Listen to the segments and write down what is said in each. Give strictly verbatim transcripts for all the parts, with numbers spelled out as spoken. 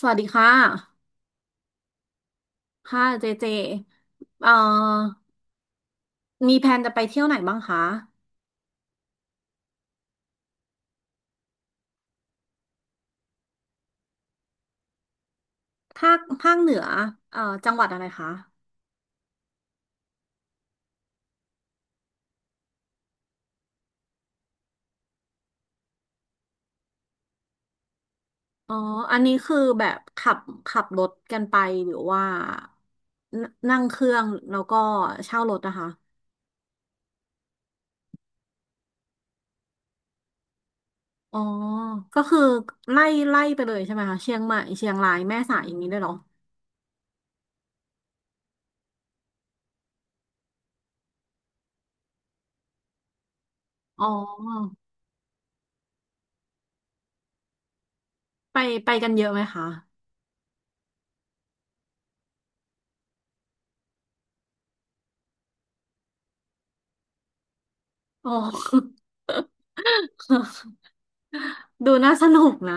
สวัสดีค่ะค่ะเจเจเอ่อมีแผนจะไปเที่ยวไหนบ้างคะภาคภาคเหนือเอ่อจังหวัดอะไรคะอ๋ออันนี้คือแบบขับขับรถกันไปหรือว่านั่งเครื่องแล้วก็เช่ารถนะคะอ๋อก็คือไล่ไล่ไปเลยใช่ไหมคะเชียงใหม่เชียงรายแม่สายอย่างนี้ได้วยเหรออ๋อไปไปกันเยอะไหมคะอ๋อ ดูน่าสนุกนะ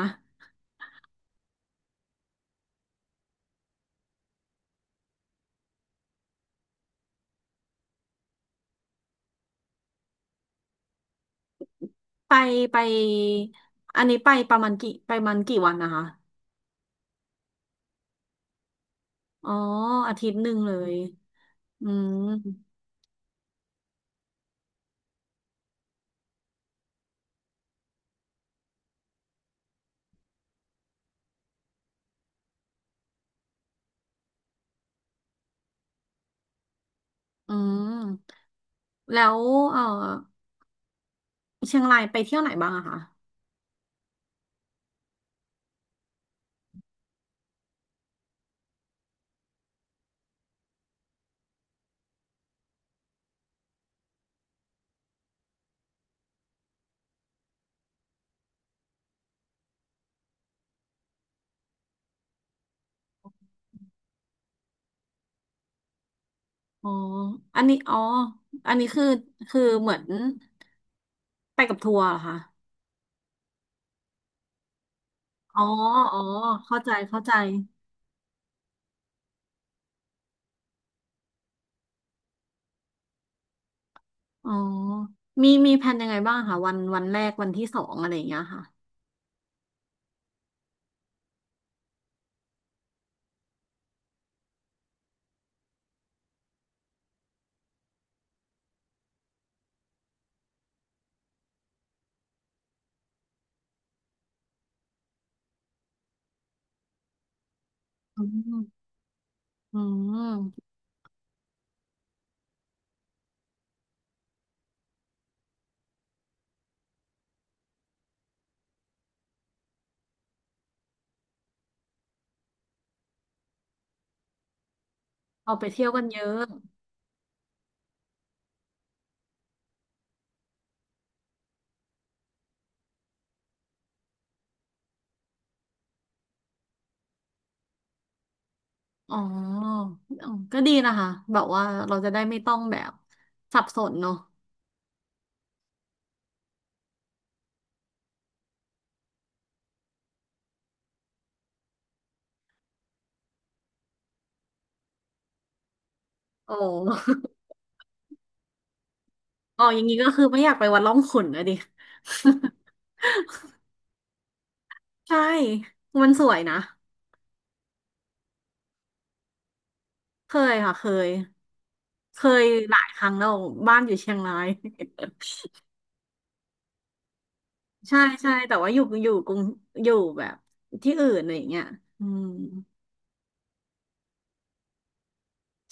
ไปไปอันนี้ไปประมาณกี่ไปประมันกี่วันนะคะอ๋ออาทิตย์หนึ่งเลยอืมอืมแล้วเออเชียงรายไปเที่ยวไหนบ้างอะคะอ๋ออันนี้อ๋ออันนี้คือคือเหมือนไปกับทัวร์เหรอคะอ๋ออ๋อเข้าใจเข้าใจอ๋อมีมีแผนยังไงบ้างคะวันวันแรกวันที่สองอะไรอย่างเงี้ยค่ะอืมอืมเอาไปเที่ยวกันเยอะ อ๋ออ๋อ ก็ดีนะคะ แบบว่าเราจะได้ไม่ต้องแบบสับสนเนาะโอ้ อ๋ออย่างนี้ก็คือไม่อยากไปวัดร่องขุ่นนะดิ ใช่ มันสวยนะ เคยค่ะเคย เคยหลายครั้งแล้วบ้านอยู่เชียงราย ใช่ใช่ แต่ว่าอยู่อยู่กรุงอยู่แบบที่อื่นอะไรอย่างเงี้ยอืม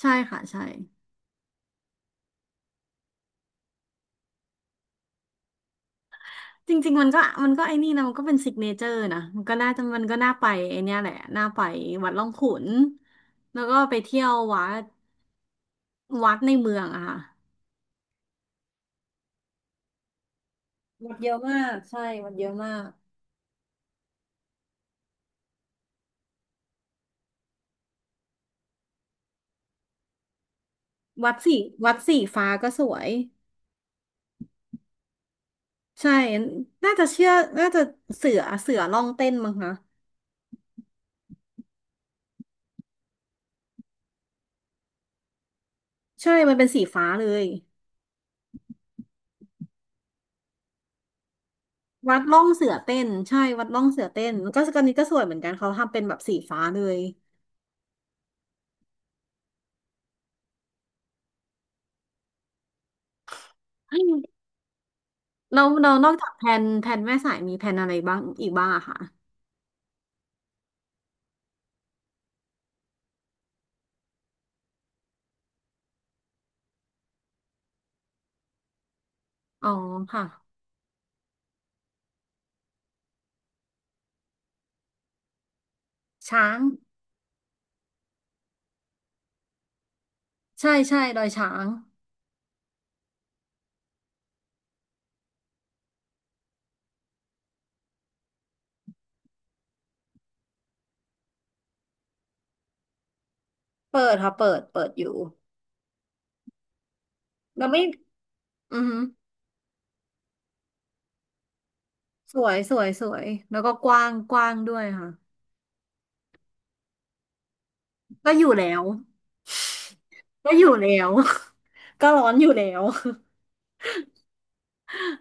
ใช่ค่ะใช่ จริงๆมันก็มันก็ไอ้นี่นะมันก็เป็น s ิกเนเจอร์นะมันก็น่าจะมันก็น่าไปไอ้เนี่ยแหละน่าไปวัดร่องขุนแล้วก็ไปเที่ยววัดวัดในเมืองอะค่ะวัดเยอะมากใช่วัดเยอะมากวัดสีวัดสีฟ้าก็สวยใช่น่าจะเชื่อน่าจะเสือเสือร่องเต้นมั้งคะใช่มันเป็นสีฟ้าเลยวัดร่องเสือเต้นใช่วัดร่องเสือเต้นก็ก็นนี้ก็สวยเหมือนกันเขาทำเป็นแบบสีฟ้าเลย แล้วเรานอกจากแผนแผนแม่สายมีแผนอะไรบ้างอีกบ้างอะค่ะอ๋อค่ะช้างใช่ใช่ดอยช้างเปิดค่ะเปิดเปิดอยู่เราไม่อือหือสวยสวยสวยแล้วก็กว้างกว้างด้วยค่ะก็อยู่แล้ว ก็อยู่แล้ว ก็ร้อนอยู่แล้ว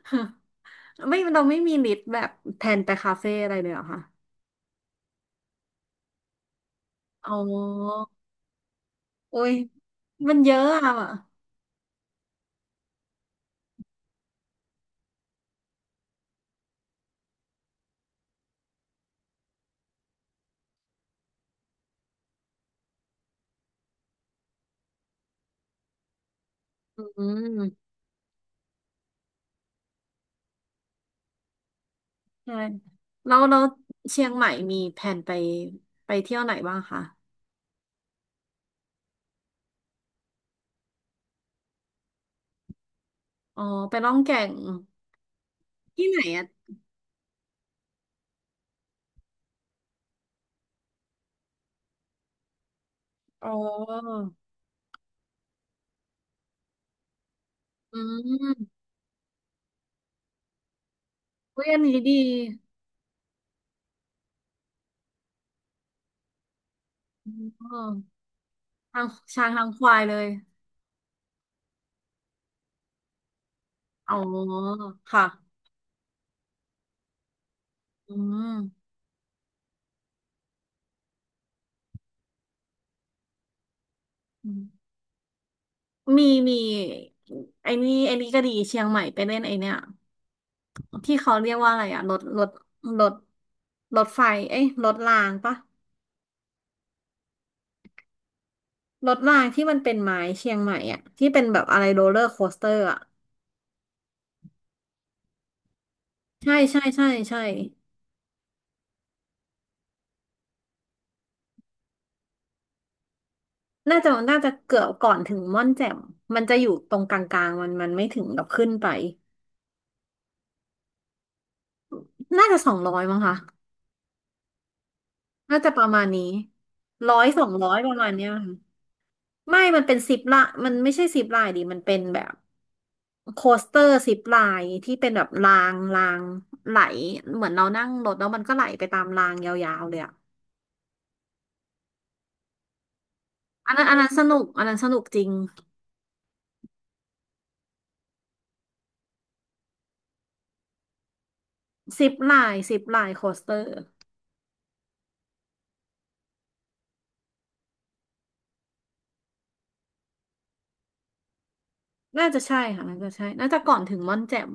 ไม่เราไม่มีลิสต์แบบแผนไปคาเฟ่อะไรเลยเหรอคะอ๋อโอ้ยมันเยอะอะอืม ใช่แล้วแล้วเชียงใหม่มีแผนไปไปเที่ยวไหนบ้างคะอ๋อไปล่องแก่งที่ไหนอ่ะอ๋ออืมเฮ้ยอันนี้ดีอ๋อทางช้างทางควายเลยอ๋อค่ะอืมอืมมีมีไอ้นี่ไอ้นี่ก็ดีเชียงใหม่ไปเล่นไอ้เนี่ยที่เขาเรียกว่าอะไรอะรถรถรถรถไฟเอ้ยรถรางปะรถรางที่มันเป็นไม้เชียงใหม่อะที่เป็นแบบอะไรโรลเลอร์โคสเตอร์อะ ใช่ใช่ใช่ใช่น่าจะน่าจะเกือบก่อนถึงม่อนแจ่มมันจะอยู่ตรงกลางๆมันมันไม่ถึงกับขึ้นไปน่าจะสองร้อยมั้งคะน่าจะประมาณนี้ร้อยสองร้อยประมาณเนี้ยค่ะไม่มันเป็นซิปละมันไม่ใช่ซิปลายดิมันเป็นแบบโคสเตอร์ซิปลายที่เป็นแบบรางรางไหลเหมือนเรานั่งรถแล้วมันก็ไหลไปตามรางยาวๆเลยอะอันนั้นอันนั้นสนุกอันนั้นสนุกจริงซิปลายซิปลายโคสเตอร์ น่าจะใช่ค่ะน่าจะใช่น่าจะก่อนถึงม่อนแจ่ม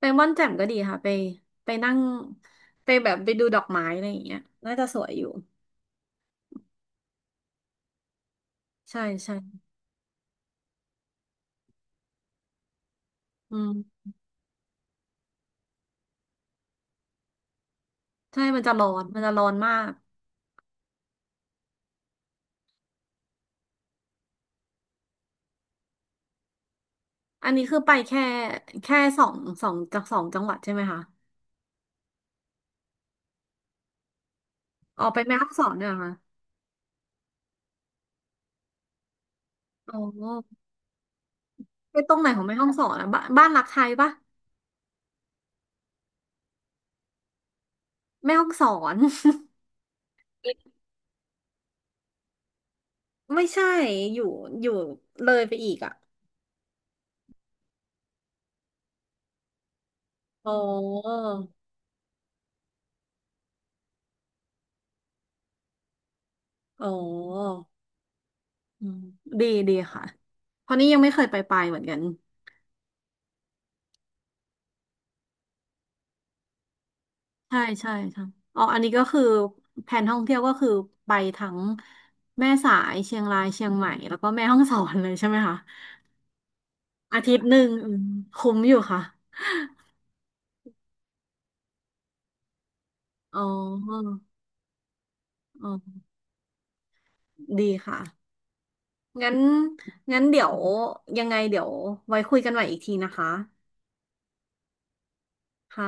ไปม่อนแจ่มก็ดีค่ะไปไปนั่งไปแบบไปดูดอกไม้อะไรอย่างเงี้ยน่าจะสวยอยู่ใช่ใช่อืมใช่มันจะร้อนมันจะร้อนมากอันนี้คือไปแค่แค่สองสองจากสองจังหวัดใช่ไหมคะออกไปแม่ฮ่องสอนเนี่ยเหรอค่ะอ๋อไปตรงไหนของแม่ฮ่องสอนอะบ้านบ้านรักไทยปะแม่ฮ่องสอน ไม่ใช่อยู่อยู่เลยไปอีกอ่ะอ๋ออ๋อ อืมดีดีค่ะเพราะนี่ยังไม่เคยไปไปเหมือนกันใช่ใช่ใช่อ๋ออันนี้ก็คือแผนท่องเที่ยวก็คือไปทั้งแม่สายเชียงรายเชียงใหม่แล้วก็แม่ฮ่องสอนเลยใช่ไหมคะอาทิตย์หนึ่งอืมคุ้มอยู่ค่ะอ๋ออ๋อดีค่ะงั้นงั้นเดี๋ยวยังไงเดี๋ยวไว้คุยกันใหม่อีกทีนะคะค่ะ